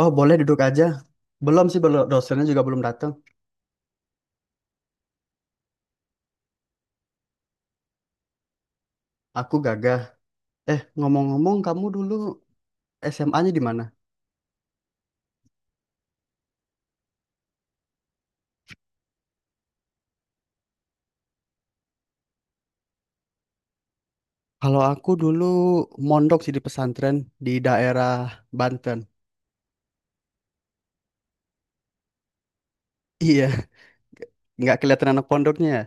Oh, boleh duduk aja. Belum sih, belum dosennya juga belum datang. Aku Gagah. Eh, ngomong-ngomong, kamu dulu SMA-nya di mana? Kalau aku dulu mondok sih di pesantren di daerah Banten. Iya, nggak kelihatan anak pondoknya, ya?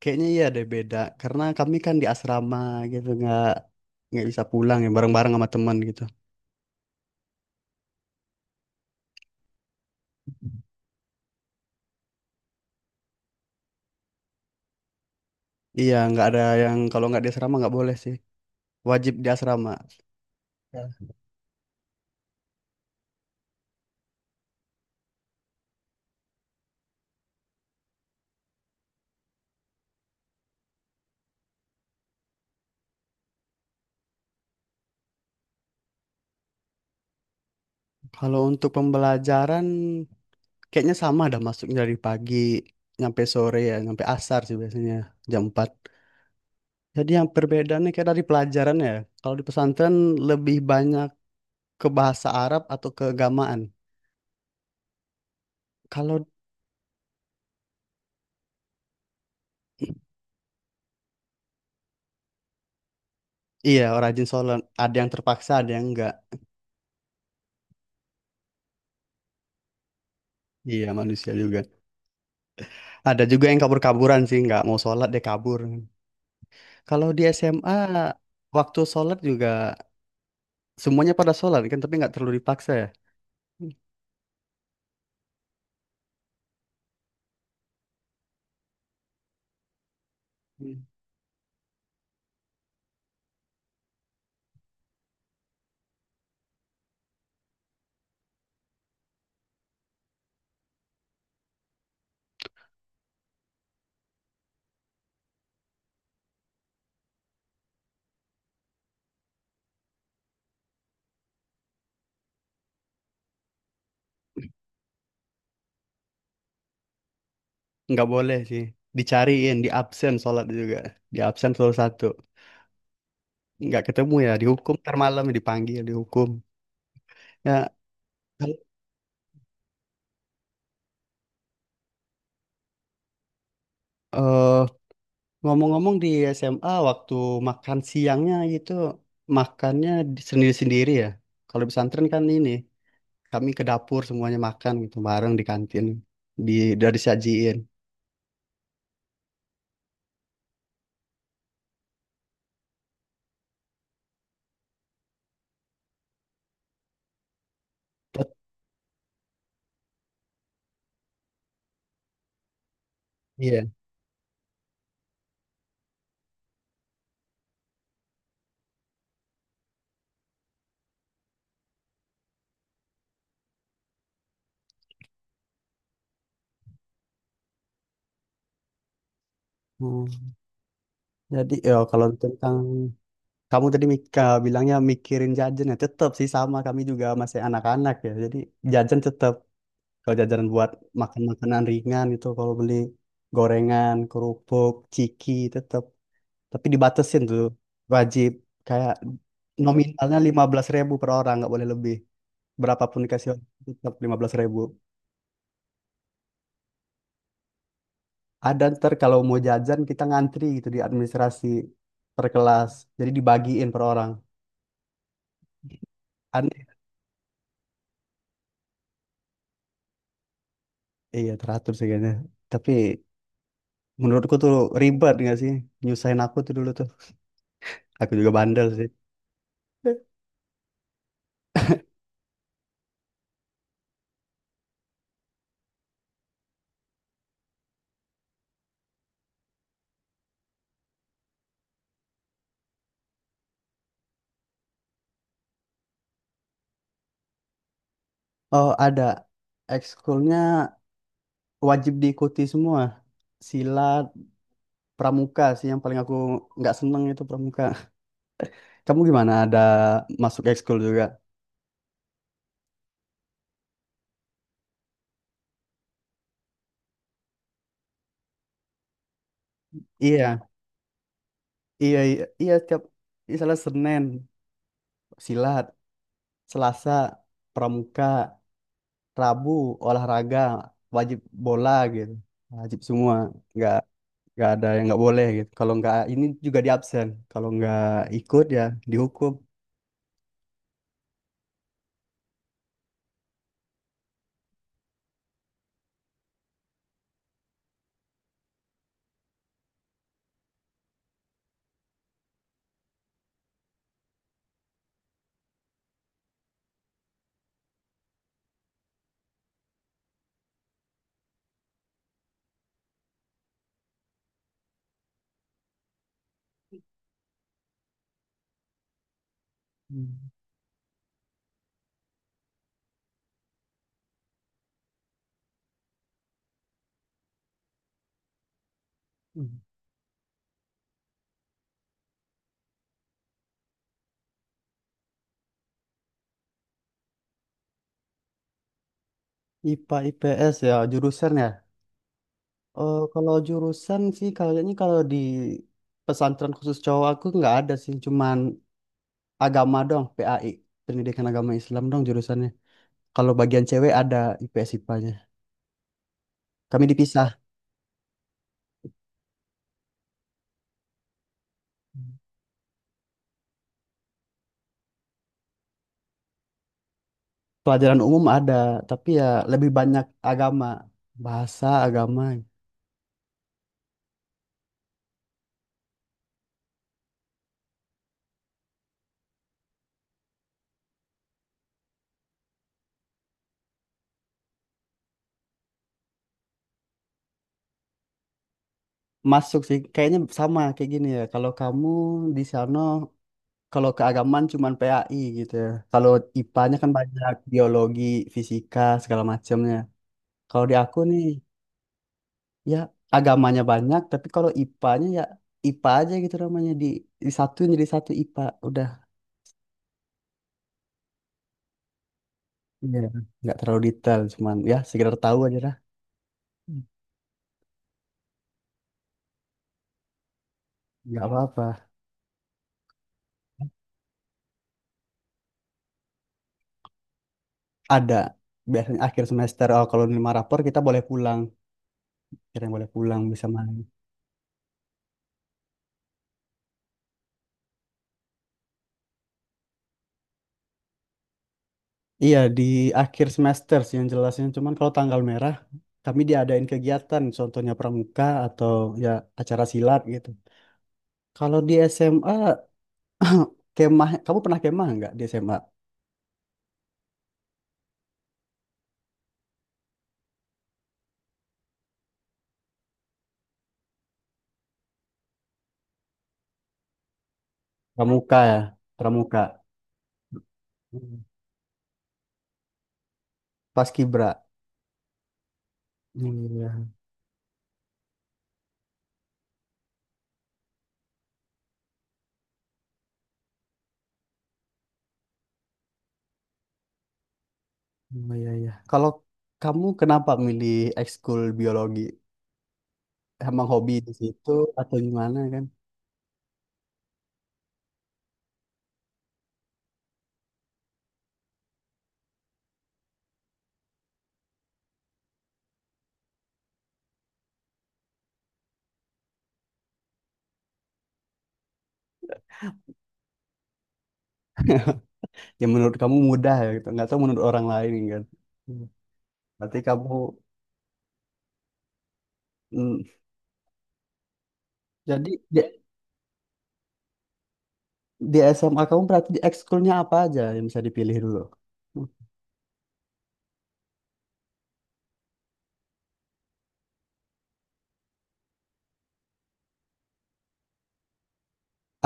Kayaknya iya deh beda. Karena kami kan di asrama gitu, nggak bisa pulang ya bareng-bareng sama teman gitu. Iya, nggak ada yang kalau nggak di asrama nggak boleh sih. Wajib di asrama. Ya. Kalau untuk pembelajaran, kayaknya sama, ada masuknya dari pagi nyampe sore ya, nyampe asar sih biasanya jam 4. Jadi yang perbedaannya kayak dari pelajaran ya. Kalau di pesantren lebih banyak ke bahasa Arab atau keagamaan. Kalau iya orang rajin sholat, ada yang terpaksa, ada yang enggak. Iya manusia juga. Ada juga yang kabur-kaburan sih, nggak mau sholat dia kabur. Kalau di SMA waktu sholat juga semuanya pada sholat kan, tapi nggak terlalu dipaksa ya. Nggak boleh sih, dicariin di absen sholat juga, di absen selalu satu, nggak ketemu ya dihukum ntar malam ya, dipanggil dihukum ya. kal- eh, Ngomong-ngomong, di SMA waktu makan siangnya itu, makannya sendiri-sendiri ya. Kalau di pesantren kan ini, kami ke dapur semuanya makan gitu bareng di kantin, di dari sajiin. Iya. Hmm, jadi ya, kalau tentang... Kamu tadi bilangnya mikirin jajan ya tetap sih, sama kami juga masih anak-anak ya. Jadi jajan tetap, kalau jajan buat makan makanan ringan itu kalau beli gorengan, kerupuk, ciki tetap. Tapi dibatasin tuh, wajib kayak nominalnya 15.000 per orang, nggak boleh lebih. Berapapun dikasih orang, tetap 15.000. Ada ntar kalau mau jajan kita ngantri gitu di administrasi per kelas. Jadi dibagiin per orang. Aneh. Iya teratur sih kayaknya. Tapi menurutku tuh, ribet gak sih? Nyusahin aku tuh dulu tuh. Aku juga bandel sih. Oh, ada. Ekskulnya wajib diikuti semua. Silat, pramuka sih yang paling aku nggak seneng itu, pramuka. Kamu gimana? Ada masuk ekskul juga? Iya, iya, iya, iya. Setiap misalnya Senin silat, Selasa pramuka, Rabu olahraga wajib bola gitu, wajib semua. Nggak nggak ada yang nggak boleh gitu, kalau nggak ini juga di absen, kalau nggak ikut ya dihukum. Hmm. IPA IPS ya jurusan ya. Oh, kalau jurusan sih, kayaknya kalau di pesantren khusus cowok, aku nggak ada sih, cuman agama dong, PAI, pendidikan agama Islam dong jurusannya. Kalau bagian cewek ada IPS IPA-nya, kami dipisah. Pelajaran umum ada, tapi ya lebih banyak agama, bahasa agama. Masuk sih, kayaknya sama kayak gini ya. Kalau kamu di sana, kalau keagamaan cuman PAI gitu ya. Kalau IPA-nya kan banyak biologi, fisika, segala macamnya. Kalau di aku nih, ya agamanya banyak, tapi kalau IPA-nya ya IPA aja gitu namanya, di satu, jadi satu IPA. Udah. Iya. Nggak terlalu detail, cuman ya sekedar tahu aja lah. Hmm. Nggak apa-apa. Ada. Biasanya akhir semester, oh, kalau lima rapor kita boleh pulang. Kira-kira boleh pulang, bisa main. Iya, di akhir semester sih yang jelasnya. Cuman kalau tanggal merah, kami diadain kegiatan. Contohnya pramuka atau ya acara silat gitu. Kalau di SMA, kemah, kamu pernah kemah nggak di SMA? Pramuka ya, pramuka. Hmm. Paskibra. Iya. Oh, iya, iya. Kalau kamu kenapa milih ekskul biologi? Emang hobi di situ atau gimana kan? Yang menurut kamu mudah ya gitu, nggak tahu menurut orang lain kan. Hmm. Berarti kamu... hmm, jadi di, di SMA kamu, berarti di ekskulnya apa aja yang bisa dipilih dulu? Hmm,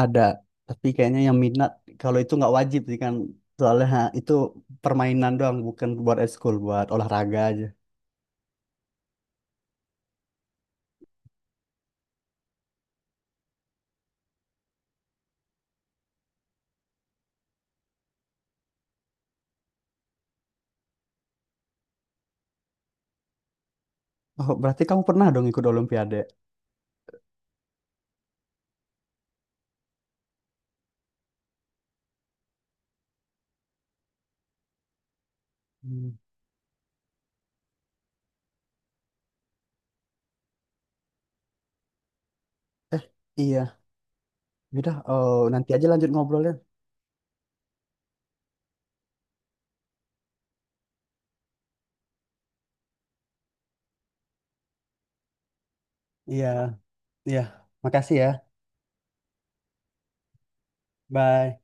ada, tapi kayaknya yang minat, kalau itu nggak wajib sih kan, soalnya ha, itu permainan doang, bukan buat ekskul, buat olahraga aja. Oh, berarti kamu pernah dong ikut olimpiade. Hmm, iya, udah. Oh, nanti aja lanjut ngobrolnya. Iya, iya, makasih ya. Bye.